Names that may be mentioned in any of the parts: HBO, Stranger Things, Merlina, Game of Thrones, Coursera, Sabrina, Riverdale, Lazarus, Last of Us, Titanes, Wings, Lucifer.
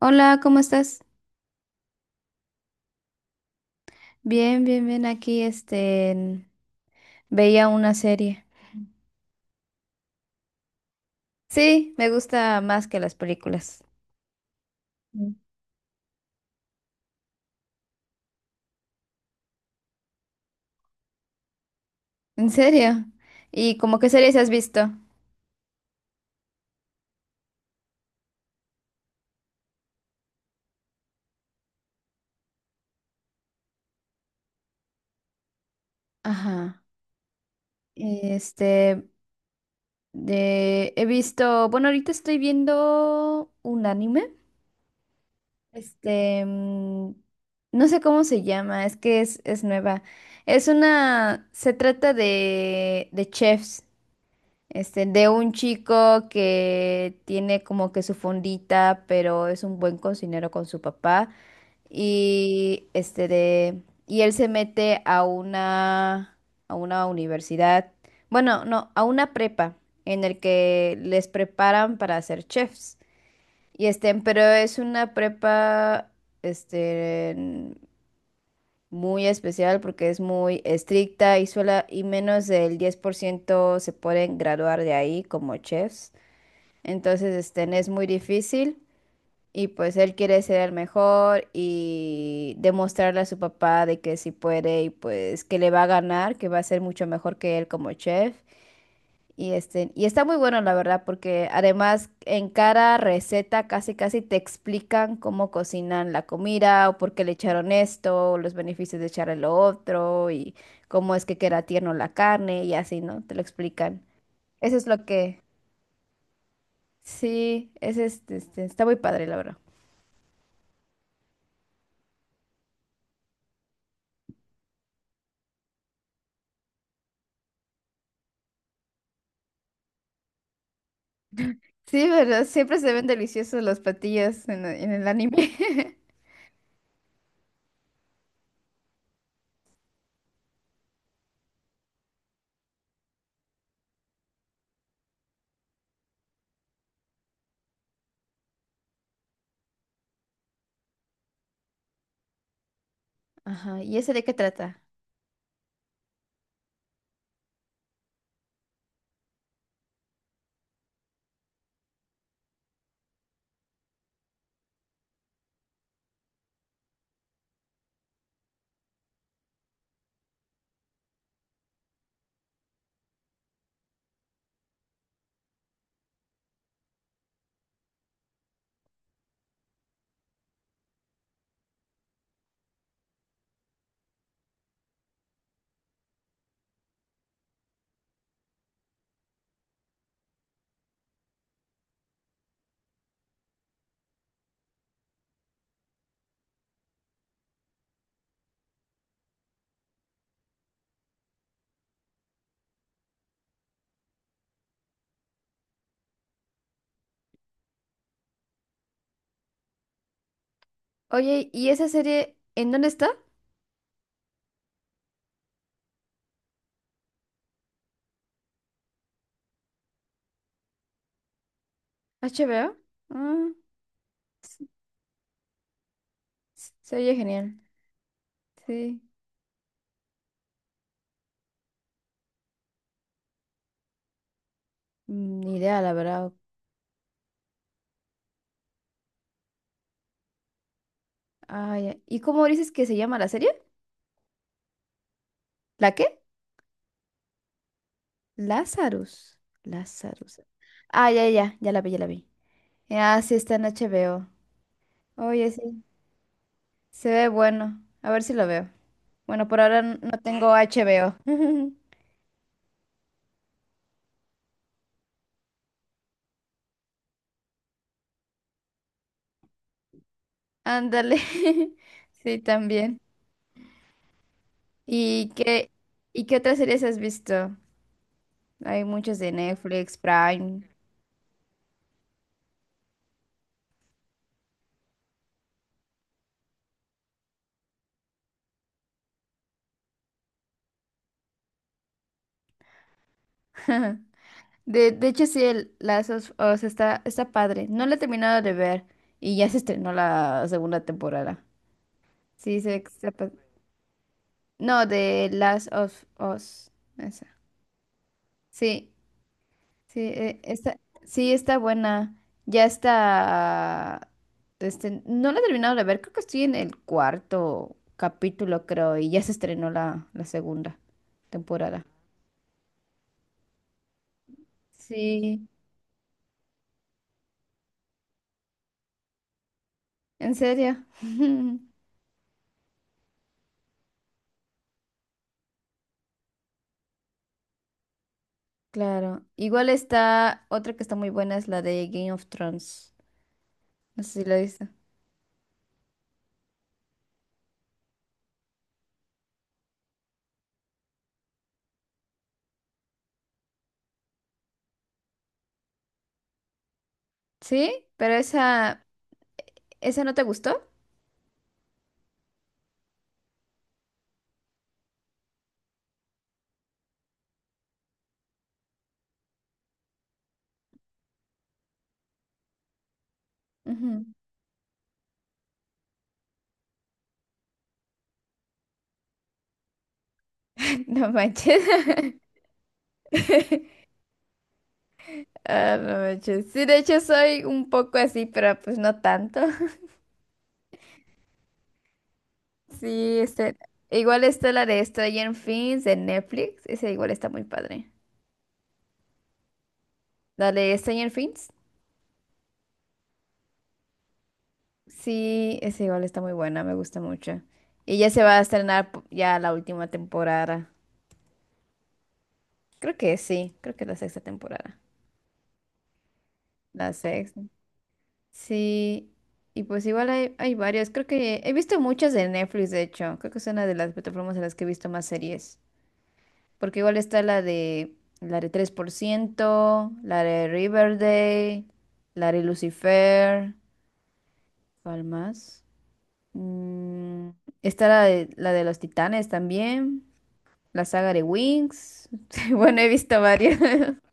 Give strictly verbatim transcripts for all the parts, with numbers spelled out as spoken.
Hola, ¿cómo estás? Bien, bien, bien. Aquí, este, en- veía una serie. Sí, me gusta más que las películas. Mm. ¿En serio? ¿Y como qué series has visto? Ajá. Este, de, he visto, bueno, ahorita estoy viendo un anime. Este, mm, no sé cómo se llama, es que es, es nueva. Es una, se trata de, de chefs. Este, de un chico que tiene como que su fondita, pero es un buen cocinero con su papá. Y este de, y él se mete a una, a una universidad, bueno, no, a una prepa, en el que les preparan para ser chefs. Y este, pero es una prepa, este, muy especial porque es muy estricta y sola, y menos del diez por ciento se pueden graduar de ahí como chefs. Entonces, este, es muy difícil y pues él quiere ser el mejor y demostrarle a su papá de que sí puede y pues que le va a ganar, que va a ser mucho mejor que él como chef. Y este, y está muy bueno la verdad, porque además en cada receta casi casi te explican cómo cocinan la comida o por qué le echaron esto, o los beneficios de echarle lo otro y cómo es que queda tierno la carne y así, ¿no? Te lo explican. Eso es lo que. Sí, es este, este, está muy padre, la verdad. Sí, ¿verdad? Siempre se ven deliciosos los platillos en, en el anime. Ajá, ¿y ese de qué trata? Oye, ¿y esa serie en dónde está? ¿H B O? Ah, s- s- se oye genial. Sí, ni idea, la verdad. Ah, ya. ¿Y cómo dices que se llama la serie? ¿La qué? Lazarus. Lazarus. Ah, ya, ya, ya la vi, ya la vi. Ah, sí, está en H B O. Oye, sí, se ve bueno. A ver si lo veo. Bueno, por ahora n- no tengo H B O. Ándale. Sí, también. ¿Y qué, ¿y qué otras series has visto? Hay muchas de Netflix, Prime. De, de hecho, sí, el Last of Us está, está padre. No la he terminado de ver y ya se estrenó la segunda temporada. Sí, se, está pa- no, de Last of Us. Esa. Sí. Sí, eh, está, sí, está buena. Ya está. Este, no la he terminado de ver, creo que estoy en el cuarto capítulo, creo, y ya se estrenó la, la segunda temporada. Sí, en serio. Claro. Igual está otra que está muy buena, es la de Game of Thrones. No sé si la viste. Sí, pero esa, ¿esa no te gustó? Ujú. No manches. Ah, no manches. Sí, de hecho soy un poco así, pero pues no tanto. Sí, este, igual está la de Stranger Things de Netflix. Esa igual está muy padre. La de Stranger Things. Sí, esa igual está muy buena, me gusta mucho. Y ya se va a estrenar po- ya la última temporada. Creo que sí, creo que es la sexta temporada. La sexta. Sí, y pues igual hay, hay varios. Creo que he visto muchas de Netflix, de hecho. Creo que es una de las plataformas en las que he visto más series. Porque igual está la de la de tres por ciento, la de Riverdale, la de Lucifer, ¿cuál más? Mm, está la de, la de los Titanes también, la saga de Wings. Bueno, he visto varias.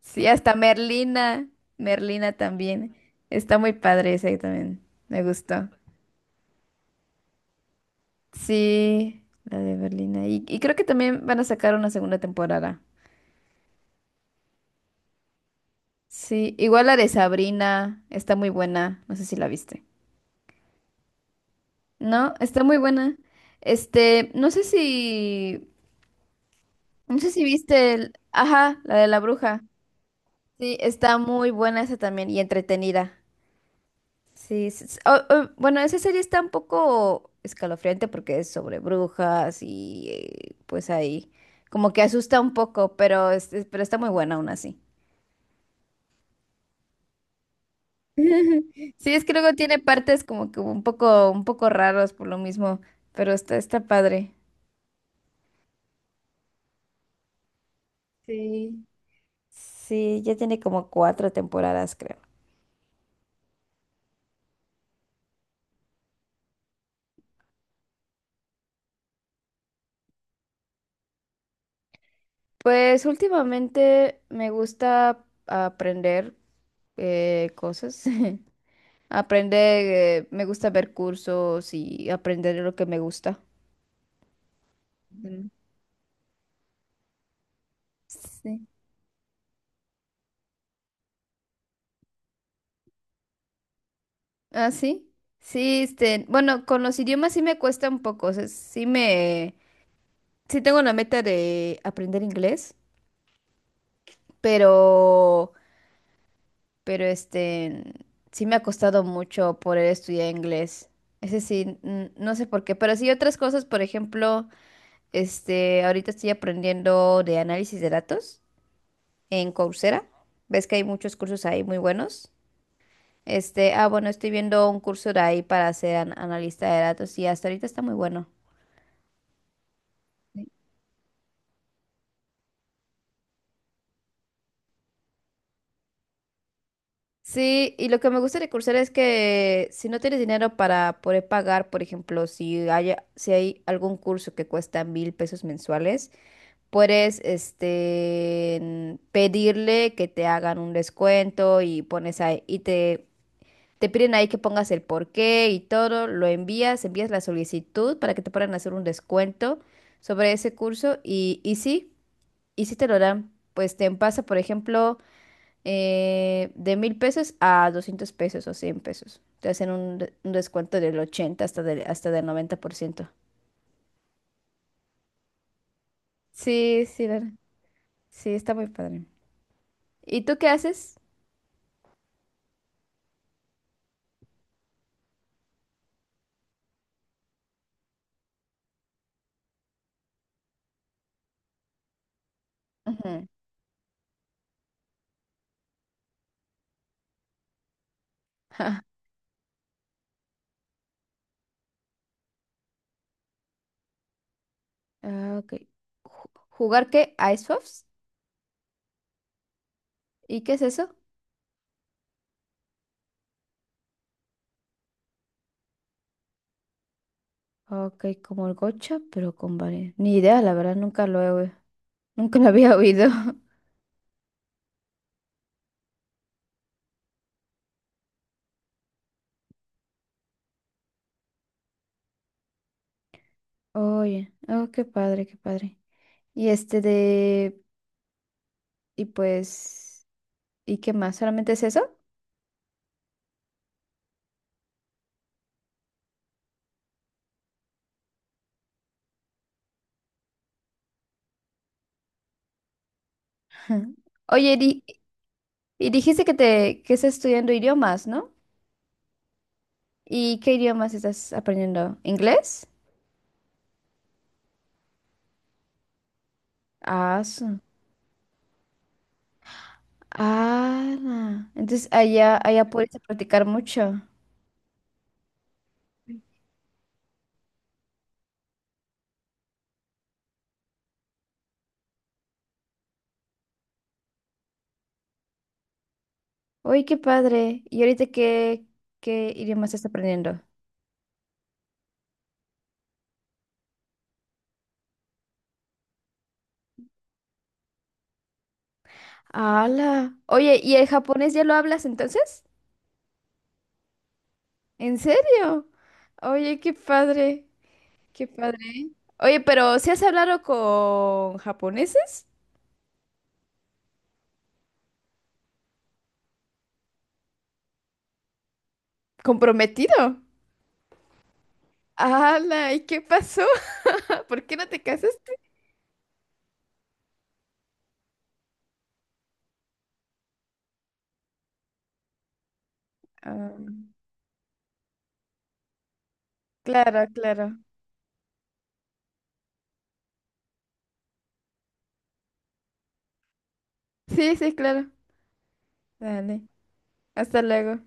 Sí, hasta Merlina, Merlina también. Está muy padre ese también, me gustó. Sí, la de Merlina. Y, y creo que también van a sacar una segunda temporada. Sí, igual la de Sabrina está muy buena, no sé si la viste. No, está muy buena. Este, no sé si, no sé si viste el, ajá, la de la bruja. Sí, está muy buena esa también y entretenida. Sí, s- s- o- o, bueno, esa serie está un poco escalofriante porque es sobre brujas y eh, pues ahí como que asusta un poco, pero, este, pero está muy buena aún así. Sí, es que luego tiene partes como que un poco, un poco raros por lo mismo, pero está, está padre. Sí. Sí, ya tiene como cuatro temporadas, creo. Pues últimamente me gusta aprender eh, cosas. Aprender, eh, me gusta ver cursos y aprender lo que me gusta. Ujú. Sí. Ah, sí. Sí, este, bueno, con los idiomas sí me cuesta un poco, o sea, sí me, sí tengo la meta de aprender inglés, pero, pero este, sí me ha costado mucho poder estudiar inglés. Ese sí n- no sé por qué, pero sí otras cosas, por ejemplo, este, ahorita estoy aprendiendo de análisis de datos en Coursera. Ves que hay muchos cursos ahí muy buenos. Este, ah, bueno, estoy viendo un curso de ahí para ser an- analista de datos y hasta ahorita está muy bueno. Sí, y lo que me gusta de Coursera es que si no tienes dinero para poder pagar, por ejemplo, si haya, si hay algún curso que cuesta mil pesos mensuales, puedes este en- pedirle que te hagan un descuento y pones ahí, y te, te piden ahí que pongas el porqué y todo, lo envías, envías la solicitud para que te puedan hacer un descuento sobre ese curso, y, y sí, y sí te lo dan. Pues te pasa, por ejemplo eh, de mil pesos a doscientos pesos o cien pesos. Te hacen un, de- un descuento del ochenta hasta del, hasta del noventa por ciento. Sí, sí, la- sí, está muy padre. ¿Y tú qué haces? Ujú. Ja, ah, ok. Ju- ¿Jugar qué? ¿Icebox? ¿Y qué es eso? Ok, como el gocha, pero con varias. Ni idea, la verdad, nunca lo he, nunca lo había oído. Oye, oh, qué padre, qué padre. Y este de, y pues, ¿y qué más? ¿Solamente es eso? Ujú. Oye, di- y dijiste que te que estás estudiando idiomas, ¿no? ¿Y qué idiomas estás aprendiendo? ¿Inglés? Ah, su- ah, na, entonces allá, allá puedes practicar mucho. Oye, qué padre. ¿Y ahorita qué, ¿qué idiomas estás aprendiendo? ¡Hala! Oye, ¿y el japonés ya lo hablas entonces? ¿En serio? Oye, qué padre, qué padre. Oye, pero ¿si has hablado con japoneses? Comprometido. Ala, ¿y qué pasó? ¿Por qué no te casaste? Ah, claro, claro. Sí, sí, claro. Dale. Hasta luego.